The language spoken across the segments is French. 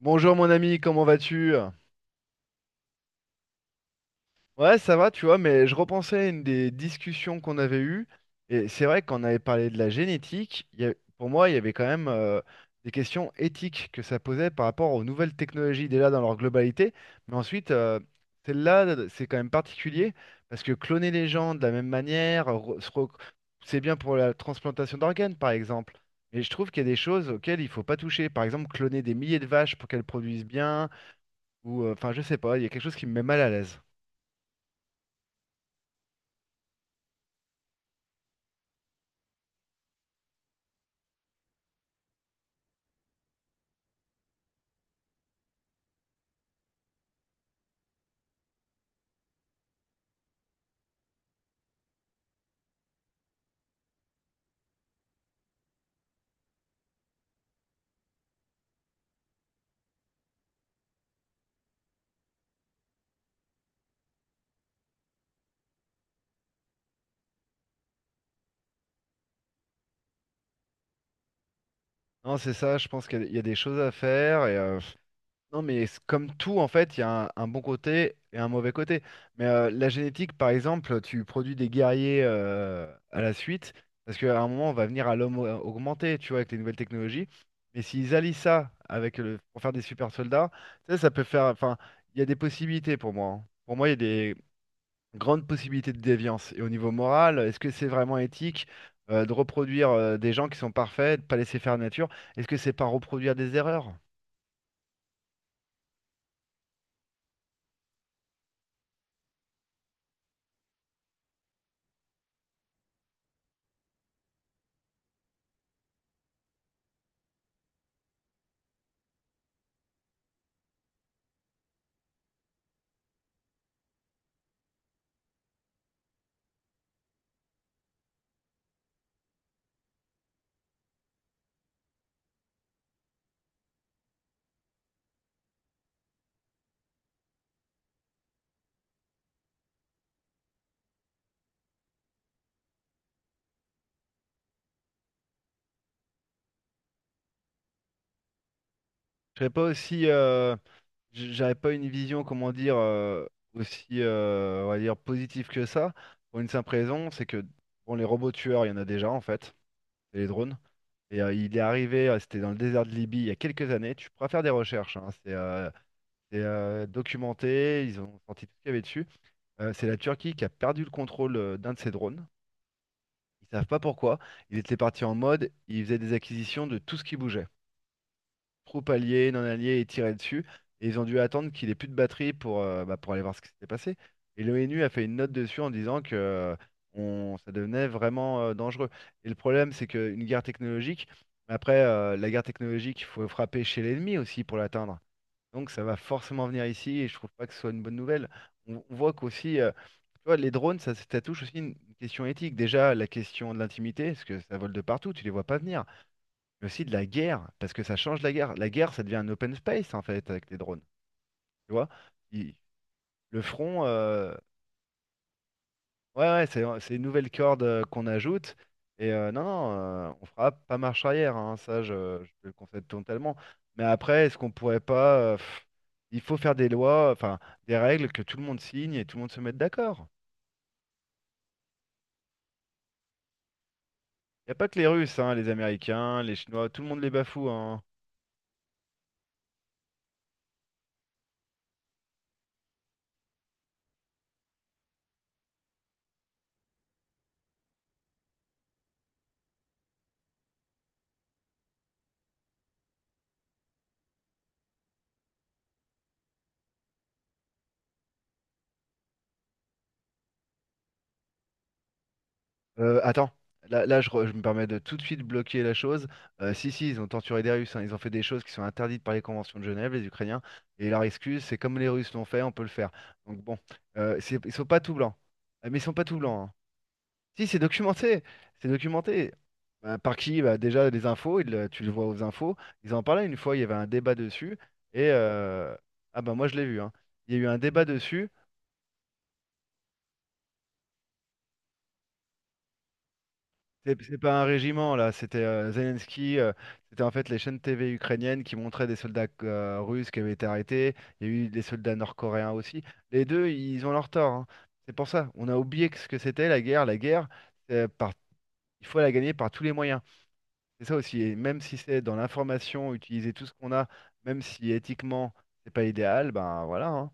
Bonjour mon ami, comment vas-tu? Ouais, ça va, tu vois, mais je repensais à une des discussions qu'on avait eues, et c'est vrai qu'on avait parlé de la génétique, pour moi, il y avait quand même des questions éthiques que ça posait par rapport aux nouvelles technologies déjà dans leur globalité, mais ensuite, celle-là, c'est quand même particulier, parce que cloner les gens de la même manière, c'est bien pour la transplantation d'organes, par exemple, mais je trouve qu'il y a des choses auxquelles il faut pas toucher, par exemple, cloner des milliers de vaches pour qu'elles produisent bien. Ou enfin, je sais pas, il y a quelque chose qui me met mal à l'aise. Non, c'est ça, je pense qu'il y a des choses à faire. Et, non, mais c'est comme tout, en fait, il y a un bon côté et un mauvais côté. Mais la génétique, par exemple, tu produis des guerriers à la suite, parce qu'à un moment, on va venir à l'homme augmenté, tu vois, avec les nouvelles technologies. Mais s'ils allient ça avec le, pour faire des super soldats, ça peut faire. Enfin, il y a des possibilités pour moi, hein. Pour moi, il y a des, grande possibilité de déviance. Et au niveau moral, est-ce que c'est vraiment éthique de reproduire des gens qui sont parfaits, de pas laisser faire la nature? Est-ce que c'est pas reproduire des erreurs? Je serais pas aussi, j'avais pas une vision, comment dire, aussi, on va dire, positive que ça. Pour une simple raison, c'est que bon, les robots tueurs, il y en a déjà en fait, c'est les drones. Et il est arrivé, c'était dans le désert de Libye il y a quelques années. Tu pourras faire des recherches, hein. C'est documenté, ils ont sorti tout ce qu'il y avait dessus. C'est la Turquie qui a perdu le contrôle d'un de ses drones. Ils savent pas pourquoi. Ils étaient partis en mode, ils faisaient des acquisitions de tout ce qui bougeait. Troupes alliées, non alliées, et tiraient dessus. Et ils ont dû attendre qu'il ait plus de batterie pour, bah, pour aller voir ce qui s'était passé. Et l'ONU a fait une note dessus en disant que ça devenait vraiment dangereux. Et le problème, c'est qu'une guerre technologique, après, la guerre technologique, il faut frapper chez l'ennemi aussi pour l'atteindre. Donc ça va forcément venir ici et je trouve pas que ce soit une bonne nouvelle. On voit qu'aussi, tu vois, les drones, ça touche aussi une question éthique. Déjà, la question de l'intimité, parce que ça vole de partout, tu les vois pas venir. Mais aussi de la guerre, parce que ça change la guerre. La guerre, ça devient un open space, en fait, avec les drones. Tu vois? Il- le front, ouais, ouais, c'est une nouvelle corde qu'on ajoute. Et non, non, on fera pas marche arrière, hein, ça, je te le concède totalement. Mais après, est-ce qu'on pourrait pas, il faut faire des lois, enfin, des règles que tout le monde signe et tout le monde se mette d'accord. Il n'y a pas que les Russes, hein, les Américains, les Chinois, tout le monde les bafoue, hein. Attends, là, là, je me permets de tout de suite bloquer la chose. Si, si, ils ont torturé des Russes, hein, ils ont fait des choses qui sont interdites par les conventions de Genève, les Ukrainiens, et leur excuse, c'est comme les Russes l'ont fait, on peut le faire. Donc bon, ils sont pas tout blancs. Ah, mais ils sont pas tout blancs, hein. Si, c'est documenté, c'est documenté. Bah, par qui? Bah, déjà, les infos, tu le vois aux infos, ils en parlaient une fois, il y avait un débat dessus. et... euh, Ah bah moi je l'ai vu, hein. Il y a eu un débat dessus. C'est pas un régiment là, c'était Zelensky, c'était en fait les chaînes TV ukrainiennes qui montraient des soldats russes qui avaient été arrêtés, il y a eu des soldats nord-coréens aussi. Les deux, ils ont leur tort, hein. C'est pour ça, on a oublié que ce que c'était la guerre. La guerre, c'est par... il faut la gagner par tous les moyens. C'est ça aussi, et même si c'est dans l'information, utiliser tout ce qu'on a, même si éthiquement c'est pas idéal, ben voilà, hein.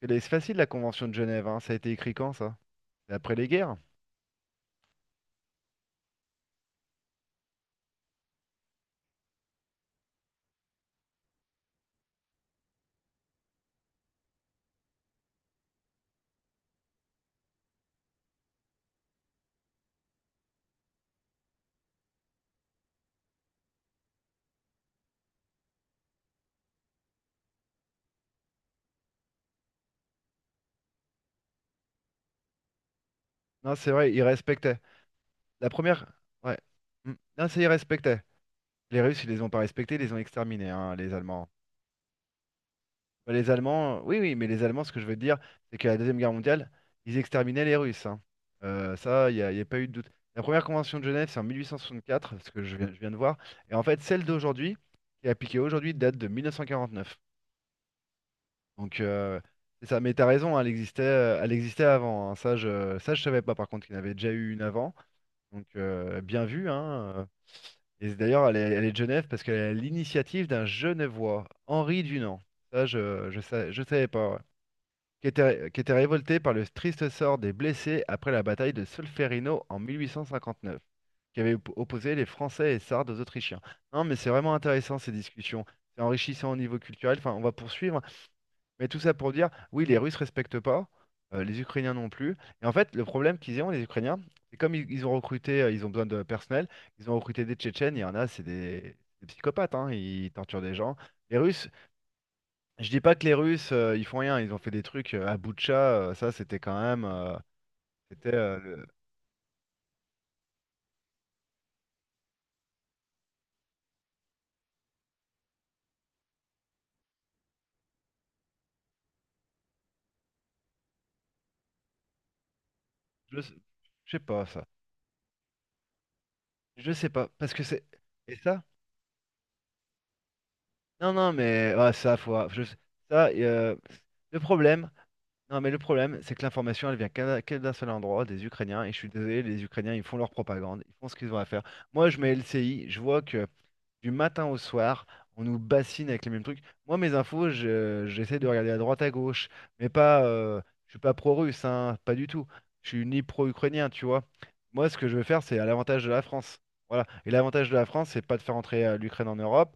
C'est facile la Convention de Genève, hein. Ça a été écrit quand ça? C'est après les guerres. Non, c'est vrai, ils respectaient. La première. Ouais. Mm. Non, ça, ils respectaient. Les Russes, ils les ont pas respectés, ils les ont exterminés, hein, les Allemands. Bah, les Allemands, oui, oui, mais les Allemands, ce que je veux dire, c'est qu'à la Deuxième Guerre mondiale, ils exterminaient les Russes, hein. Ça, il n'y a pas eu de doute. La première convention de Genève, c'est en 1864, ce que je viens de voir. Et en fait, celle d'aujourd'hui, qui est appliquée aujourd'hui, date de 1949. Donc, c'est ça. Mais t'as raison, hein, elle existait avant, hein. Ça, je savais pas, par contre, qu'il y en avait déjà eu une avant. Donc, bien vu, hein. Et d'ailleurs, elle est de Genève parce qu'elle est à l'initiative d'un Genevois, Henri Dunant. Ça, je savais pas, ouais. Qui était révolté par le triste sort des blessés après la bataille de Solferino en 1859, qui avait opposé les Français et Sardes aux Autrichiens. Non, mais c'est vraiment intéressant ces discussions. C'est enrichissant au niveau culturel. Enfin, on va poursuivre. Mais tout ça pour dire, oui, les Russes respectent pas, les Ukrainiens non plus. Et en fait, le problème qu'ils ont, les Ukrainiens, c'est comme ils ont recruté, ils ont besoin de personnel, ils ont recruté des Tchétchènes, il y en a, c'est des psychopathes, hein, ils torturent des gens. Les Russes, je dis pas que les Russes, ils font rien, ils ont fait des trucs à Boutcha, ça c'était quand même, c'était, euh, le- je, sais je sais pas ça, je sais pas, parce que c'est, et ça, non non mais ah, ça faut, ah, ça, le problème. Non, mais le problème, c'est que l'information, elle vient que d'un seul endroit, des Ukrainiens. Et je suis désolé, les Ukrainiens, ils font leur propagande, ils font ce qu'ils ont à faire. Moi, je mets LCI, je vois que du matin au soir, on nous bassine avec les mêmes trucs. Moi, mes infos, j'essaie de regarder à droite, à gauche, mais pas, je suis pas pro-russe, hein, pas du tout. Je suis ni pro-ukrainien, tu vois. Moi, ce que je veux faire, c'est à l'avantage de la France. Voilà. Et l'avantage de la France, c'est pas de faire entrer l'Ukraine en Europe,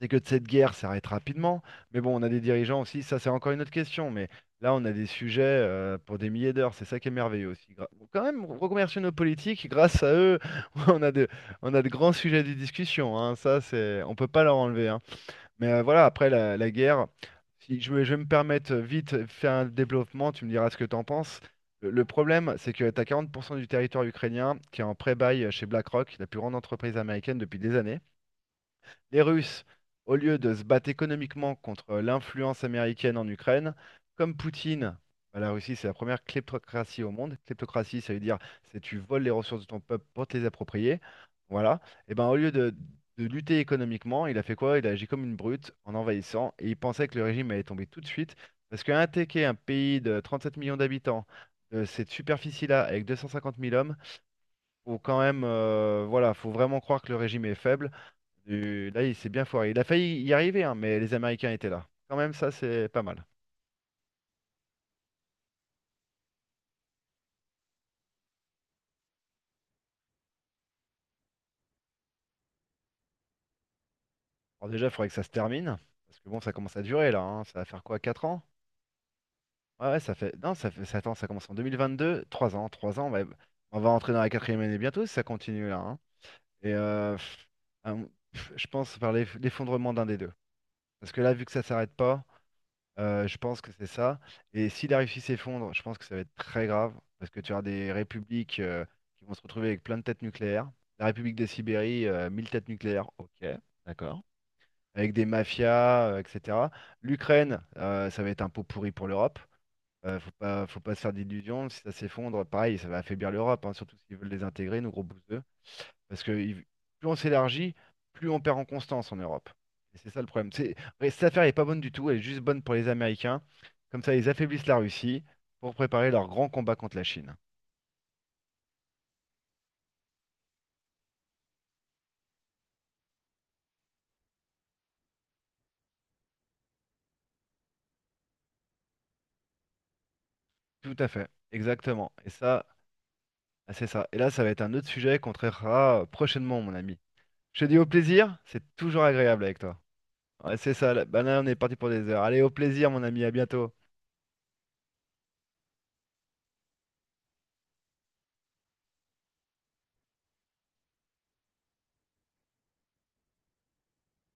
c'est que cette guerre s'arrête rapidement. Mais bon, on a des dirigeants aussi, ça c'est encore une autre question. Mais là, on a des sujets pour des milliers d'heures, c'est ça qui est merveilleux aussi. Bon, quand même, remercier nos politiques, grâce à eux, on a de, on a de, grands sujets de discussion, hein. Ça, c'est, on peut pas leur enlever, hein. Mais voilà, après la guerre, si je vais me permettre vite de faire un développement, tu me diras ce que tu en penses. Le problème, c'est que tu as 40% du territoire ukrainien qui est en pré-bail chez BlackRock, la plus grande entreprise américaine depuis des années. Les Russes, au lieu de se battre économiquement contre l'influence américaine en Ukraine, comme Poutine, bah, la Russie, c'est la première kleptocratie au monde. Kleptocratie, ça veut dire c'est tu voles les ressources de ton peuple pour te les approprier. Voilà. Et ben au lieu de lutter économiquement, il a fait quoi? Il a agi comme une brute en envahissant et il pensait que le régime allait tomber tout de suite. Parce qu'attaquer un pays de 37 millions d'habitants, de cette superficie-là, avec 250 000 hommes, faut quand même, voilà, faut vraiment croire que le régime est faible. Là, il s'est bien foiré. Il a failli y arriver, hein, mais les Américains étaient là. Quand même, ça, c'est pas mal. Alors déjà, il faudrait que ça se termine. Parce que bon, ça commence à durer là, hein. Ça va faire quoi, 4 ans? Ouais, ouais, ça fait. Non, ça fait. Attends, ça commence en 2022. 3 ans, 3 ans, ouais. On va entrer dans la quatrième année bientôt si ça continue là, hein. Et un- je pense par l'effondrement d'un des deux. Parce que là, vu que ça s'arrête pas. Je pense que c'est ça. Et si la Russie s'effondre, je pense que ça va être très grave, parce que tu auras des républiques qui vont se retrouver avec plein de têtes nucléaires. La République de Sibérie, 1000 têtes nucléaires, ok, d'accord. Avec des mafias, etc. L'Ukraine, ça va être un pot pourri pour l'Europe. Faut pas, faut pas se faire d'illusions. Si ça s'effondre, pareil, ça va affaiblir l'Europe, hein, surtout s'ils veulent les intégrer, nos gros bouses. Parce que plus on s'élargit, plus on perd en constance en Europe. Et c'est ça le problème. Et cette affaire n'est pas bonne du tout, elle est juste bonne pour les Américains. Comme ça, ils affaiblissent la Russie pour préparer leur grand combat contre la Chine. Tout à fait, exactement. Et ça, ah, c'est ça. Et là, ça va être un autre sujet qu'on traitera prochainement, mon ami. Je te dis au plaisir, c'est toujours agréable avec toi. Ouais, c'est ça, bah là, on est parti pour des heures. Allez, au plaisir, mon ami, à bientôt.